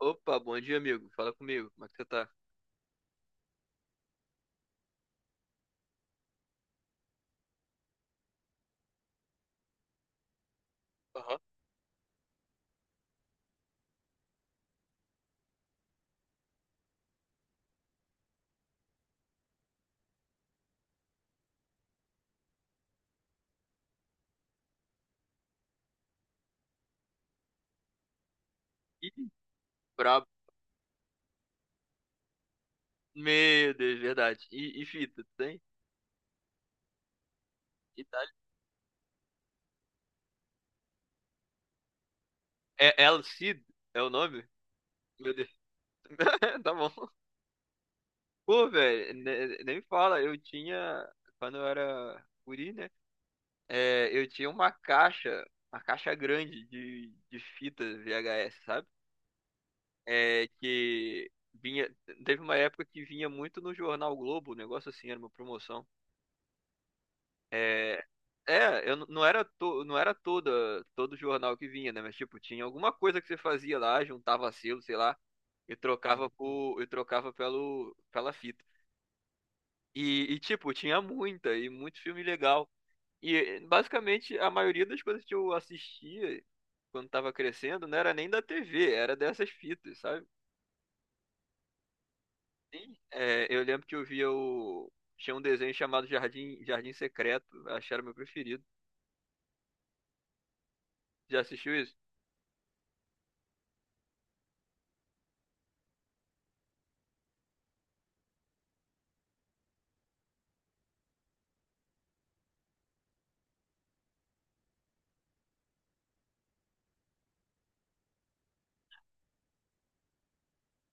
Opa, bom dia, amigo. Fala comigo. Como é que você tá? Aham. Ih, brabo. Meu Deus, verdade. E fita, tu tem? Itália. É El Cid? É o nome? Meu Deus. Tá bom. Pô, velho, nem fala. Eu tinha, quando eu era guri, né? É, eu tinha uma caixa grande de fita VHS, sabe? É, que vinha. Teve uma época que vinha muito no Jornal Globo, um negócio assim, era uma promoção. É, é, eu não era não era toda todo jornal que vinha, né? Mas tipo, tinha alguma coisa que você fazia lá, juntava selo, sei lá, e trocava pelo pela fita. E, tipo, tinha muita e muito filme legal. E basicamente a maioria das coisas que eu assistia quando tava crescendo não era nem da TV, era dessas fitas, sabe? Sim. É, eu lembro que eu via o tinha um desenho chamado Jardim Secreto, acho que era o meu preferido. Já assistiu isso?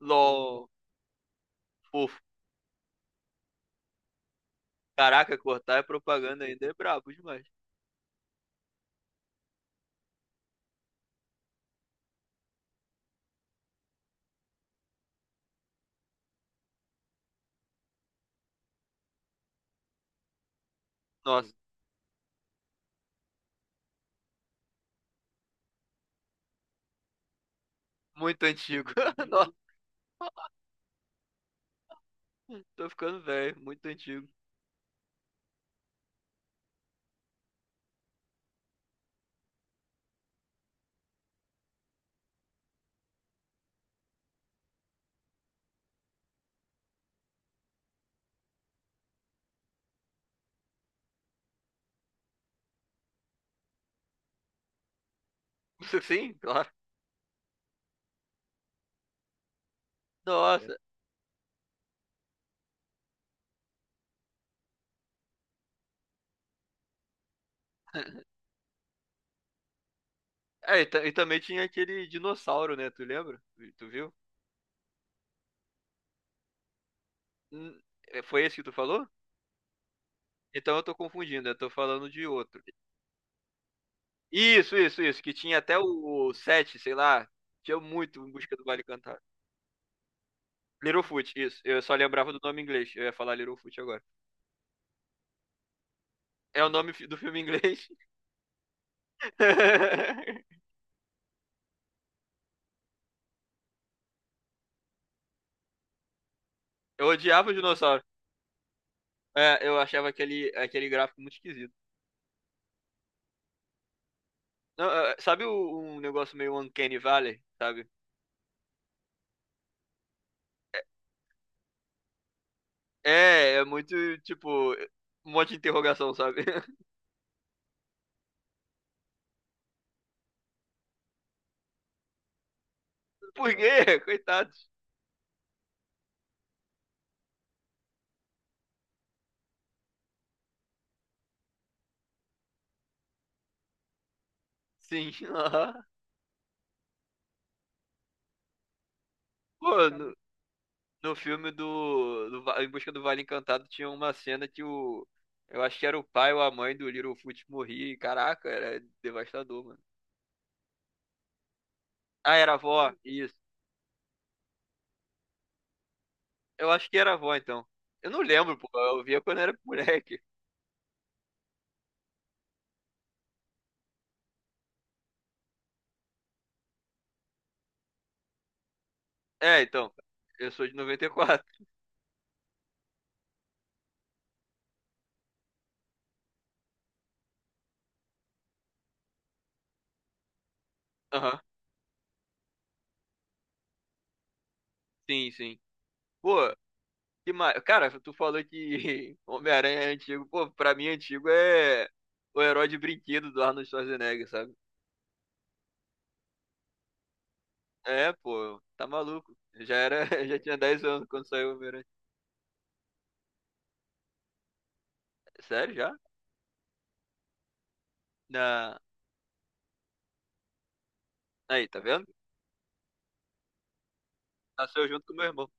LOL. Pô, caraca, cortar é propaganda ainda é brabo demais. Nossa, muito antigo. Nossa, tô ficando velho, muito antigo. Isso. Sim, claro. Nossa. É, e, também tinha aquele dinossauro, né? Tu lembra? Tu viu? Hum, É, foi esse que tu falou? Então eu tô confundindo, eu tô falando de outro. Isso, que tinha até o 7, sei lá. Tinha muito em busca do Vale Cantado. Littlefoot, isso. Eu só lembrava do nome em inglês. Eu ia falar Littlefoot agora. É o nome do filme em inglês. Eu odiava o dinossauro. É, eu achava aquele gráfico muito esquisito. Não, é, sabe um negócio meio Uncanny Valley, sabe? É muito, tipo, um monte de interrogação, sabe? Por quê? Coitados. Sim. Aham. Pô, no filme do Em Busca do Vale Encantado tinha uma cena que o. Eu acho que era o pai ou a mãe do Littlefoot morria. E, caraca, era devastador, mano. Ah, era a avó? Isso. Eu acho que era a avó, então. Eu não lembro, pô. Eu via quando era moleque. É, então, eu sou de 94. Aham. Sim, sim. Pô, que mais? Cara, tu falou que Homem-Aranha é antigo. Pô, pra mim, antigo é o herói de brinquedo do Arnold Schwarzenegger, sabe? É, pô, tá maluco. Eu já tinha 10 anos quando saiu o Homem-Aranha. Sério, já? Na... Aí, tá vendo? Nasceu junto com meu irmão.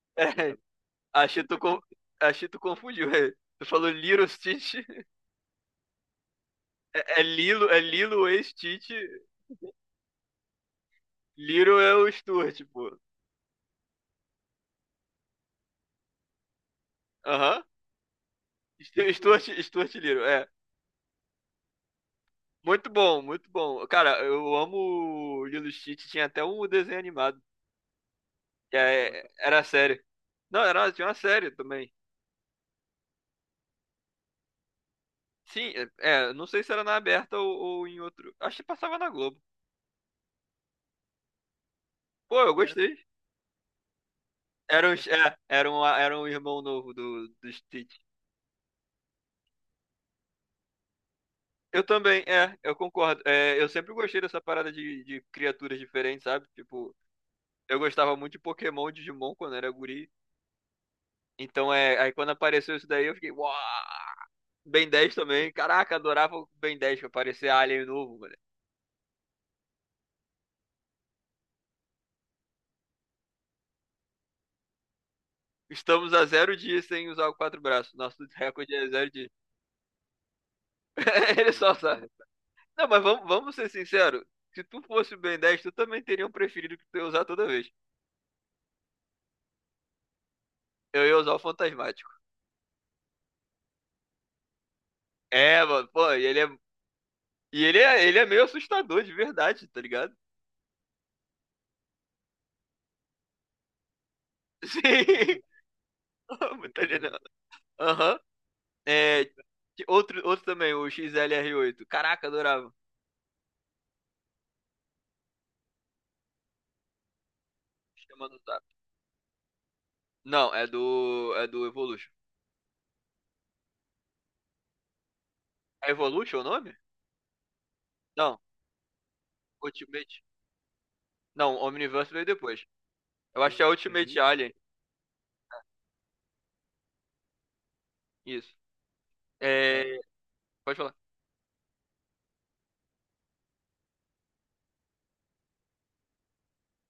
É, achei tu, con... achei tu confundiu. É. Tu falou Little Stitch. É, Lilo e Stitch. Little é o Stuart, pô. Aham. Stuart Little, é. Muito bom, muito bom. Cara, eu amo o Lilo e Stitch. Tinha até um desenho animado. Era série. Não, tinha uma série também. Sim, é, não sei se era na aberta ou em outro. Acho que passava na Globo. Pô, eu gostei. Era um, é, era um irmão novo do Stitch. Eu também, é, eu concordo. É, eu sempre gostei dessa parada de criaturas diferentes, sabe? Tipo, eu gostava muito de Pokémon e Digimon quando era guri. Então, é, aí quando apareceu isso daí, eu fiquei, uau! Ben 10 também. Caraca, adorava o Ben 10 pra parecer Alien novo, mano. Estamos a 0 dias sem usar o quatro braços. Nosso recorde é 0 dias. Ele só sabe. Não, mas vamos ser sinceros. Se tu fosse o Ben 10, tu também teria um preferido que tu ia usar toda vez. Eu ia usar o Fantasmático. É, mano, pô, e ele é. E ele é meio assustador de verdade, tá ligado? Sim. Tá ligado? Aham. É, outro também, o XLR8. Caraca, adorava. Chama no zap. Não, É do Evolution. É Evolution o nome? Não, Ultimate. Não, Omniverse veio depois. Eu acho que é Ultimate. Uhum. Alien. Isso. É, pode falar.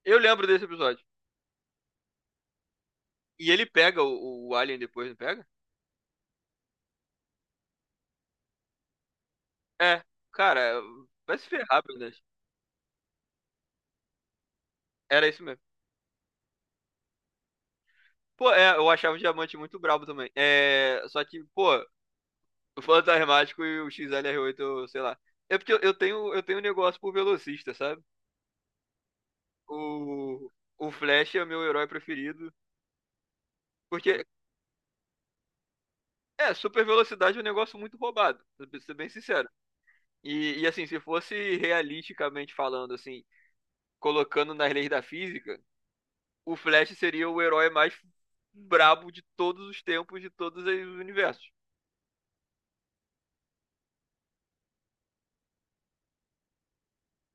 Eu lembro desse episódio. E ele pega o Alien depois, não pega? É. Cara, vai se ferrar, Brunas. Era isso mesmo. Pô, é, eu achava o Diamante muito brabo também. É, só que, pô, o Fantasmático e o XLR8, sei lá. É porque eu tenho um negócio por velocista, sabe? O, o Flash é meu herói preferido. Porque É, super velocidade é um negócio muito roubado, pra ser bem sincero. E, assim, se fosse realisticamente falando, assim, colocando nas leis da física, o Flash seria o herói mais brabo de todos os tempos, de todos os universos.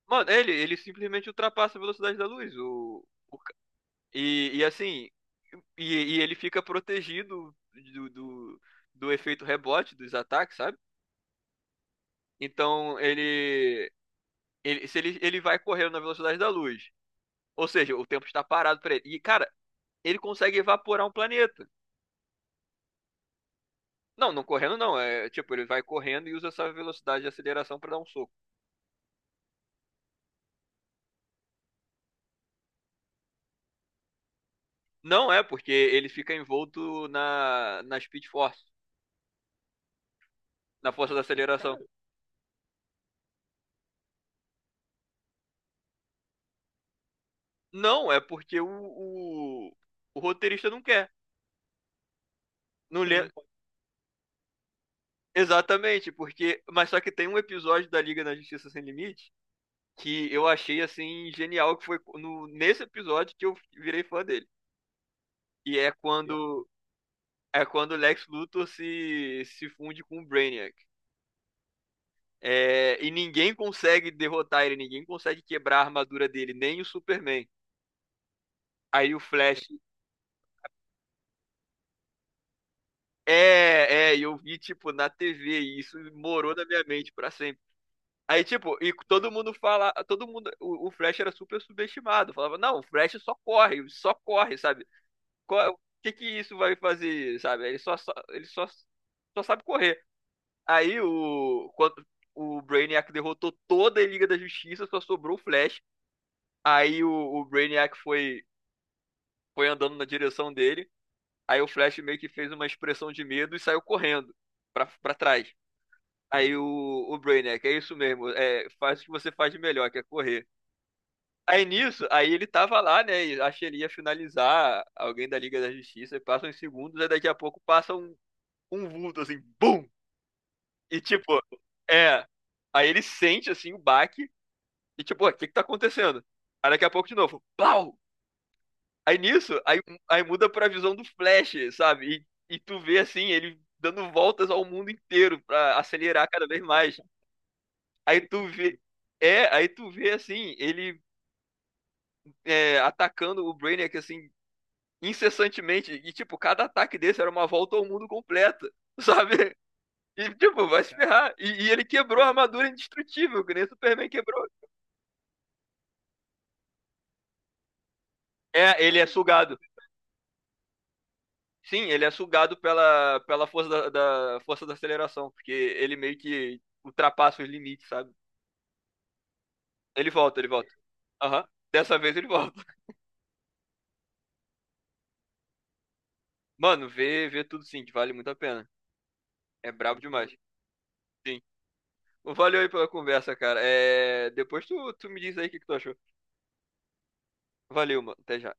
Mano, ele simplesmente ultrapassa a velocidade da luz. O ca- e, assim, e ele fica protegido do, do, do efeito rebote, dos ataques, sabe? Então, ele, se ele vai correndo na velocidade da luz. Ou seja, o tempo está parado para ele. E, cara, ele consegue evaporar um planeta. Não, não correndo não. É tipo, ele vai correndo e usa essa velocidade de aceleração para dar um soco. Não é, porque ele fica envolto na Speed Force, na força da aceleração. Cara, não, é porque o roteirista não quer. Não, não pode. Exatamente, porque. Mas só que tem um episódio da Liga da Justiça Sem Limite que eu achei assim genial, que foi no... nesse episódio que eu virei fã dele. E é quando É quando o Lex Luthor se funde com o Brainiac. É, e ninguém consegue derrotar ele, ninguém consegue quebrar a armadura dele, nem o Superman. Aí o Flash. É, e eu vi, tipo, na TV, e isso morou na minha mente pra sempre. Aí, tipo, e todo mundo, o Flash era super subestimado. Falava, não, o Flash só corre, sabe? O que que isso vai fazer, sabe? Ele só sabe correr. Aí o Brainiac derrotou toda a Liga da Justiça, só sobrou o Flash. Aí o Brainiac foi andando na direção dele. Aí o Flash meio que fez uma expressão de medo e saiu correndo pra trás. Aí o Brainiac, é isso mesmo, é, faz o que você faz de melhor, que é correr. Aí nisso, aí ele tava lá, né? E acho que ele ia finalizar alguém da Liga da Justiça, e passa uns segundos, aí daqui a pouco passa um vulto assim, BUM! E tipo, é. Aí ele sente assim o baque. E tipo, o que que tá acontecendo? Aí daqui a pouco de novo, pau! Aí nisso, aí muda pra visão do Flash, sabe? E tu vê assim, ele dando voltas ao mundo inteiro pra acelerar cada vez mais. Aí tu vê, aí tu vê assim, ele atacando o Brainiac assim, incessantemente. E tipo, cada ataque desse era uma volta ao mundo completa, sabe? E tipo, vai se ferrar. E ele quebrou a armadura indestrutível, que nem o Superman quebrou. É, ele é sugado. Sim, ele é sugado pela força da força da aceleração, porque ele meio que ultrapassa os limites, sabe? Ele volta, ele volta. Aham. Dessa vez ele volta. Mano, vê tudo sim, que vale muito a pena. É brabo demais. Sim. Valeu aí pela conversa, cara. Depois tu me diz aí o que que tu achou. Valeu, mano. Até já.